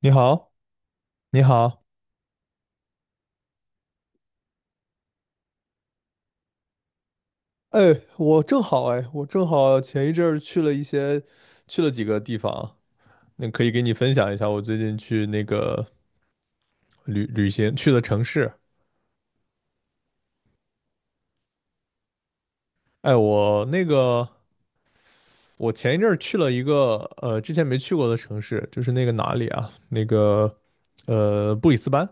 你好，你好，哎，我正好前一阵儿去了几个地方，那可以给你分享一下我最近去那个旅行去的城市。哎，我那个我前一阵儿去了一个之前没去过的城市，就是那个哪里啊？那个布里斯班。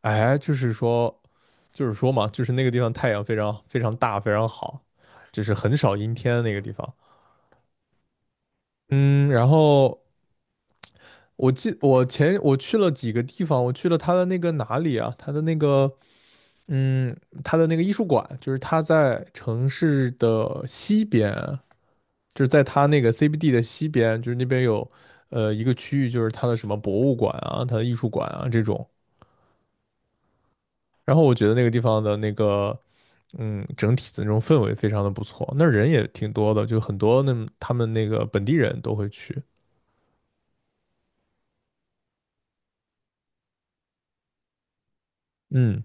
哎，就是说嘛，就是那个地方太阳非常非常大，非常好，就是很少阴天的那个地方。嗯，然后我记我前我去了几个地方，我去了他的那个哪里啊？嗯，他的那个艺术馆，就是他在城市的西边，就是在他那个 CBD 的西边，就是那边有一个区域，就是他的什么博物馆啊，他的艺术馆啊这种。然后我觉得那个地方的那个整体的那种氛围非常的不错，那儿人也挺多的，就很多那他们那个本地人都会去。嗯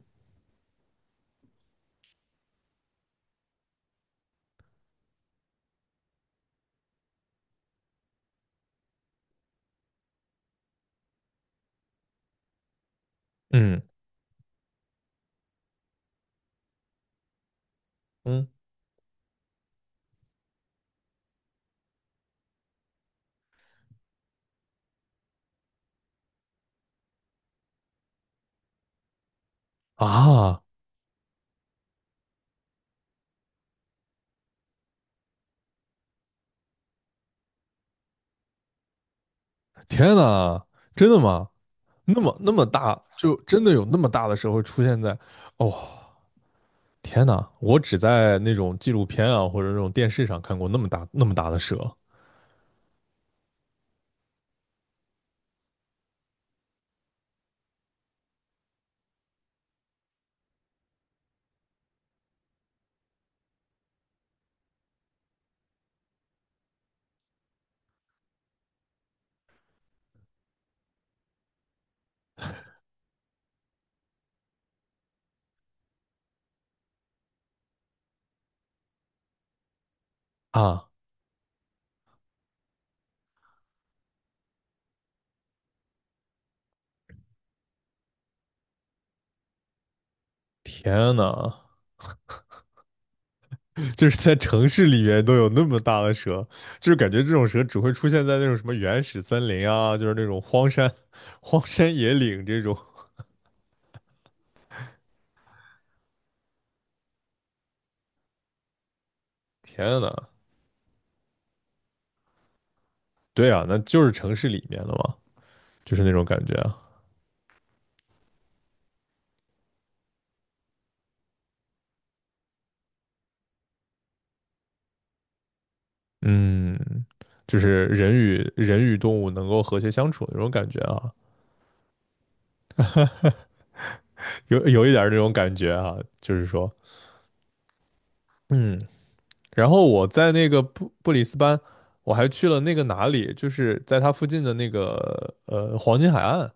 嗯嗯啊！天呐，真的吗？那么那么大，就真的有那么大的时候出现在，哦天哪！我只在那种纪录片啊或者那种电视上看过那么大那么大的蛇啊！天哪，就是在城市里面都有那么大的蛇，就是感觉这种蛇只会出现在那种什么原始森林啊，就是那种荒山、荒山野岭这种。天哪，对啊，那就是城市里面的嘛，就是那种感觉啊，嗯，就是人与动物能够和谐相处的那种感觉啊。有一点这种感觉哈、就是说，嗯，然后我在那个布里斯班，我还去了那个哪里，就是在它附近的那个黄金海岸，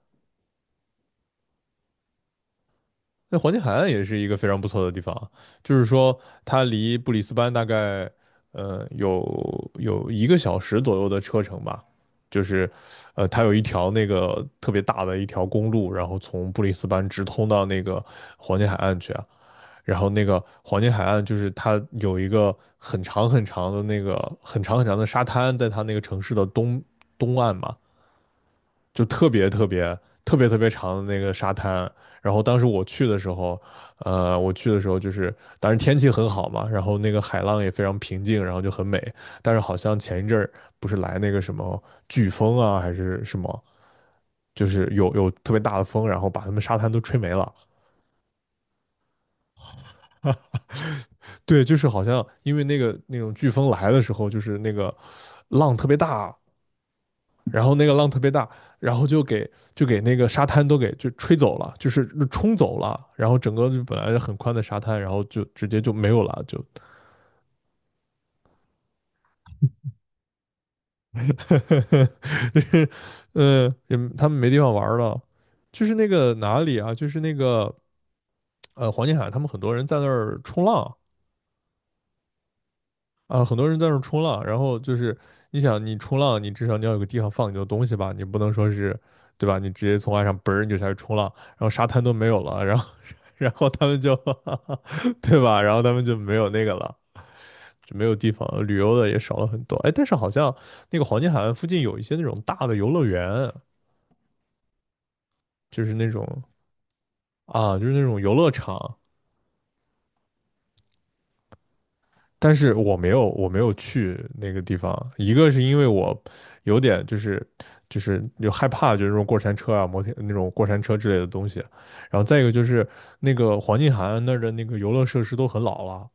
那黄金海岸也是一个非常不错的地方啊就是说它离布里斯班大概有一个小时左右的车程吧，就是它有一条那个特别大的一条公路，然后从布里斯班直通到那个黄金海岸去啊，然后那个黄金海岸就是它有一个很长很长的沙滩，在它那个城市的东岸嘛，就特别特别特别特别长的那个沙滩。然后当时我去的时候，我去的时候就是，当时天气很好嘛，然后那个海浪也非常平静，然后就很美。但是好像前一阵儿不是来那个什么飓风啊，还是什么，就是有特别大的风，然后把他们沙滩都吹没了。对，就是好像因为那种飓风来的时候，就是那个浪特别大，然后那个浪特别大，然后就给那个沙滩都给就吹走了，就是冲走了，然后整个就本来很宽的沙滩，然后就直接就没有了，就，就是也他们没地方玩了，就是那个哪里啊，就是那个黄金海岸，他们很多人在那儿冲浪，啊，很多人在那儿冲浪，然后就是你想，你冲浪，你至少要有个地方放你的东西吧，你不能说是，对吧？你直接从岸上嘣儿你就下去冲浪，然后沙滩都没有了，然后 然后他们就 对吧？然后他们就没有那个了，就没有地方了旅游的也少了很多。哎，但是好像那个黄金海岸附近有一些那种大的游乐园，就是那种啊，就是那种游乐场，但是我没有去那个地方。一个是因为我有点就是有害怕，就是那种过山车啊、摩天那种过山车之类的东西。然后再一个就是那个黄金海岸那儿的那个游乐设施都很老了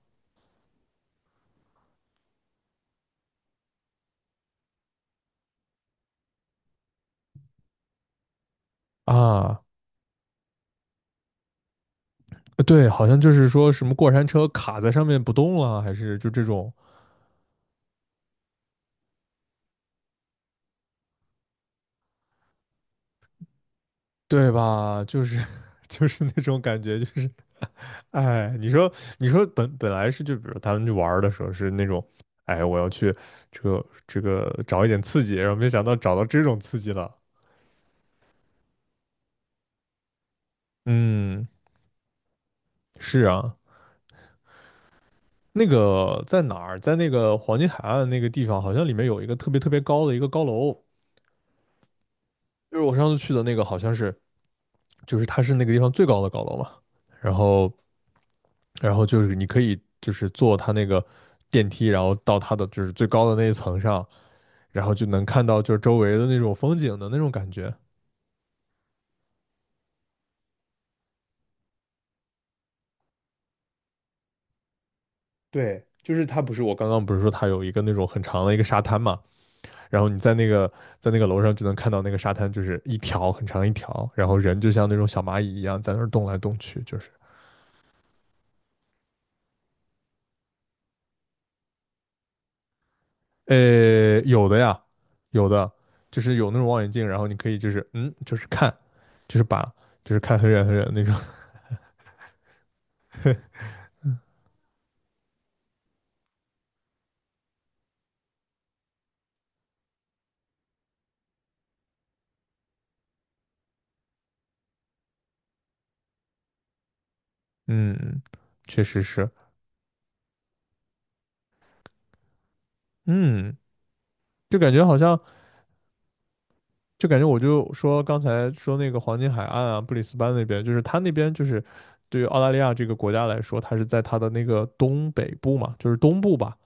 啊，对，好像就是说什么过山车卡在上面不动了，还是就这种，对吧？就是 就是那种感觉，就是哎，你说本来是就比如他们去玩儿的时候是那种，哎，我要去这个找一点刺激，然后没想到找到这种刺激了。嗯，是啊，那个在哪儿，在那个黄金海岸那个地方，好像里面有一个特别特别高的一个高楼，就是我上次去的那个，好像是就是它是那个地方最高的高楼嘛。然后然后就是你可以就是坐它那个电梯，然后到它的就是最高的那一层上，然后就能看到就是周围的那种风景的那种感觉。对，就是它不是我刚刚不是说它有一个那种很长的一个沙滩嘛，然后你在那个楼上就能看到那个沙滩，就是一条很长一条，然后人就像那种小蚂蚁一样在那儿动来动去，就是呃有的呀，有的就是有那种望远镜，然后你可以就是就是看，就是把就是看很远很远的那种，嗯，确实是，嗯，就感觉好像，就感觉我就说刚才说那个黄金海岸啊，布里斯班那边，就是他那边就是对于澳大利亚这个国家来说，它是在它的那个东北部嘛，就是东部吧，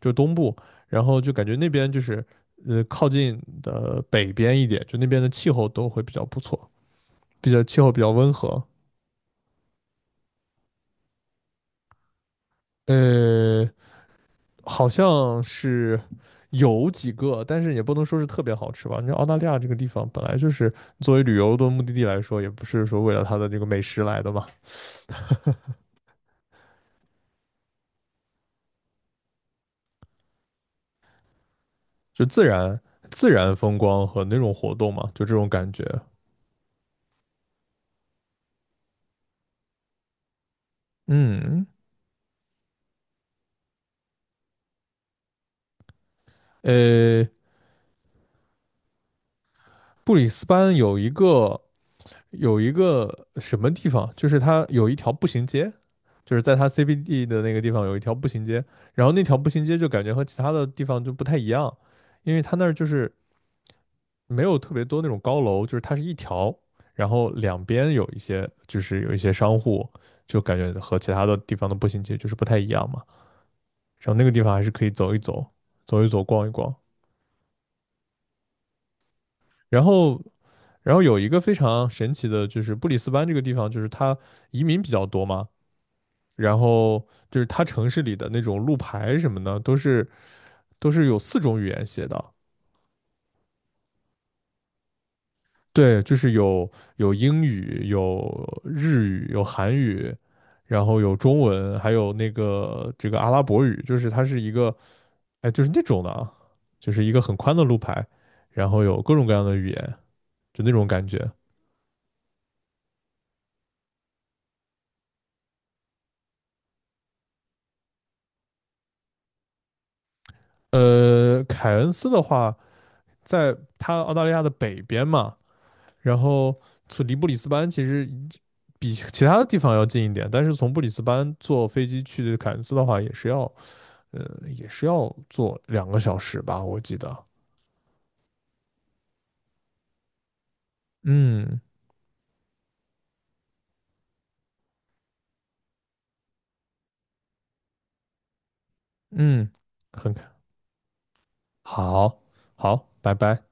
就是东部，然后就感觉那边就是靠近的北边一点，就那边的气候都会比较不错，气候比较温和，呃，好像是有几个，但是也不能说是特别好吃吧。你知道澳大利亚这个地方本来就是作为旅游的目的地来说，也不是说为了它的这个美食来的嘛，就自然风光和那种活动嘛，就这种感觉。嗯，呃，布里斯班有一个什么地方，就是它有一条步行街，就是在它 CBD 的那个地方有一条步行街，然后那条步行街就感觉和其他的地方就不太一样，因为它那儿就是没有特别多那种高楼，就是它是一条，然后两边有一些商户，就感觉和其他的地方的步行街就是不太一样嘛。然后那个地方还是可以走一走，逛一逛。然后，然后有一个非常神奇的，就是布里斯班这个地方，就是它移民比较多嘛，然后就是它城市里的那种路牌什么的，都是有四种语言写的。对，就是有英语，有韩语，然后有中文，还有这个阿拉伯语，就是它是一个，哎，就是那种的啊，就是一个很宽的路牌，然后有各种各样的语言，就那种感觉。凯恩斯的话，在它澳大利亚的北边嘛，然后离布里斯班其实比其他的地方要近一点，但是从布里斯班坐飞机去凯恩斯的话，也是要坐两个小时吧，我记得。嗯嗯，很开。好，好，拜拜。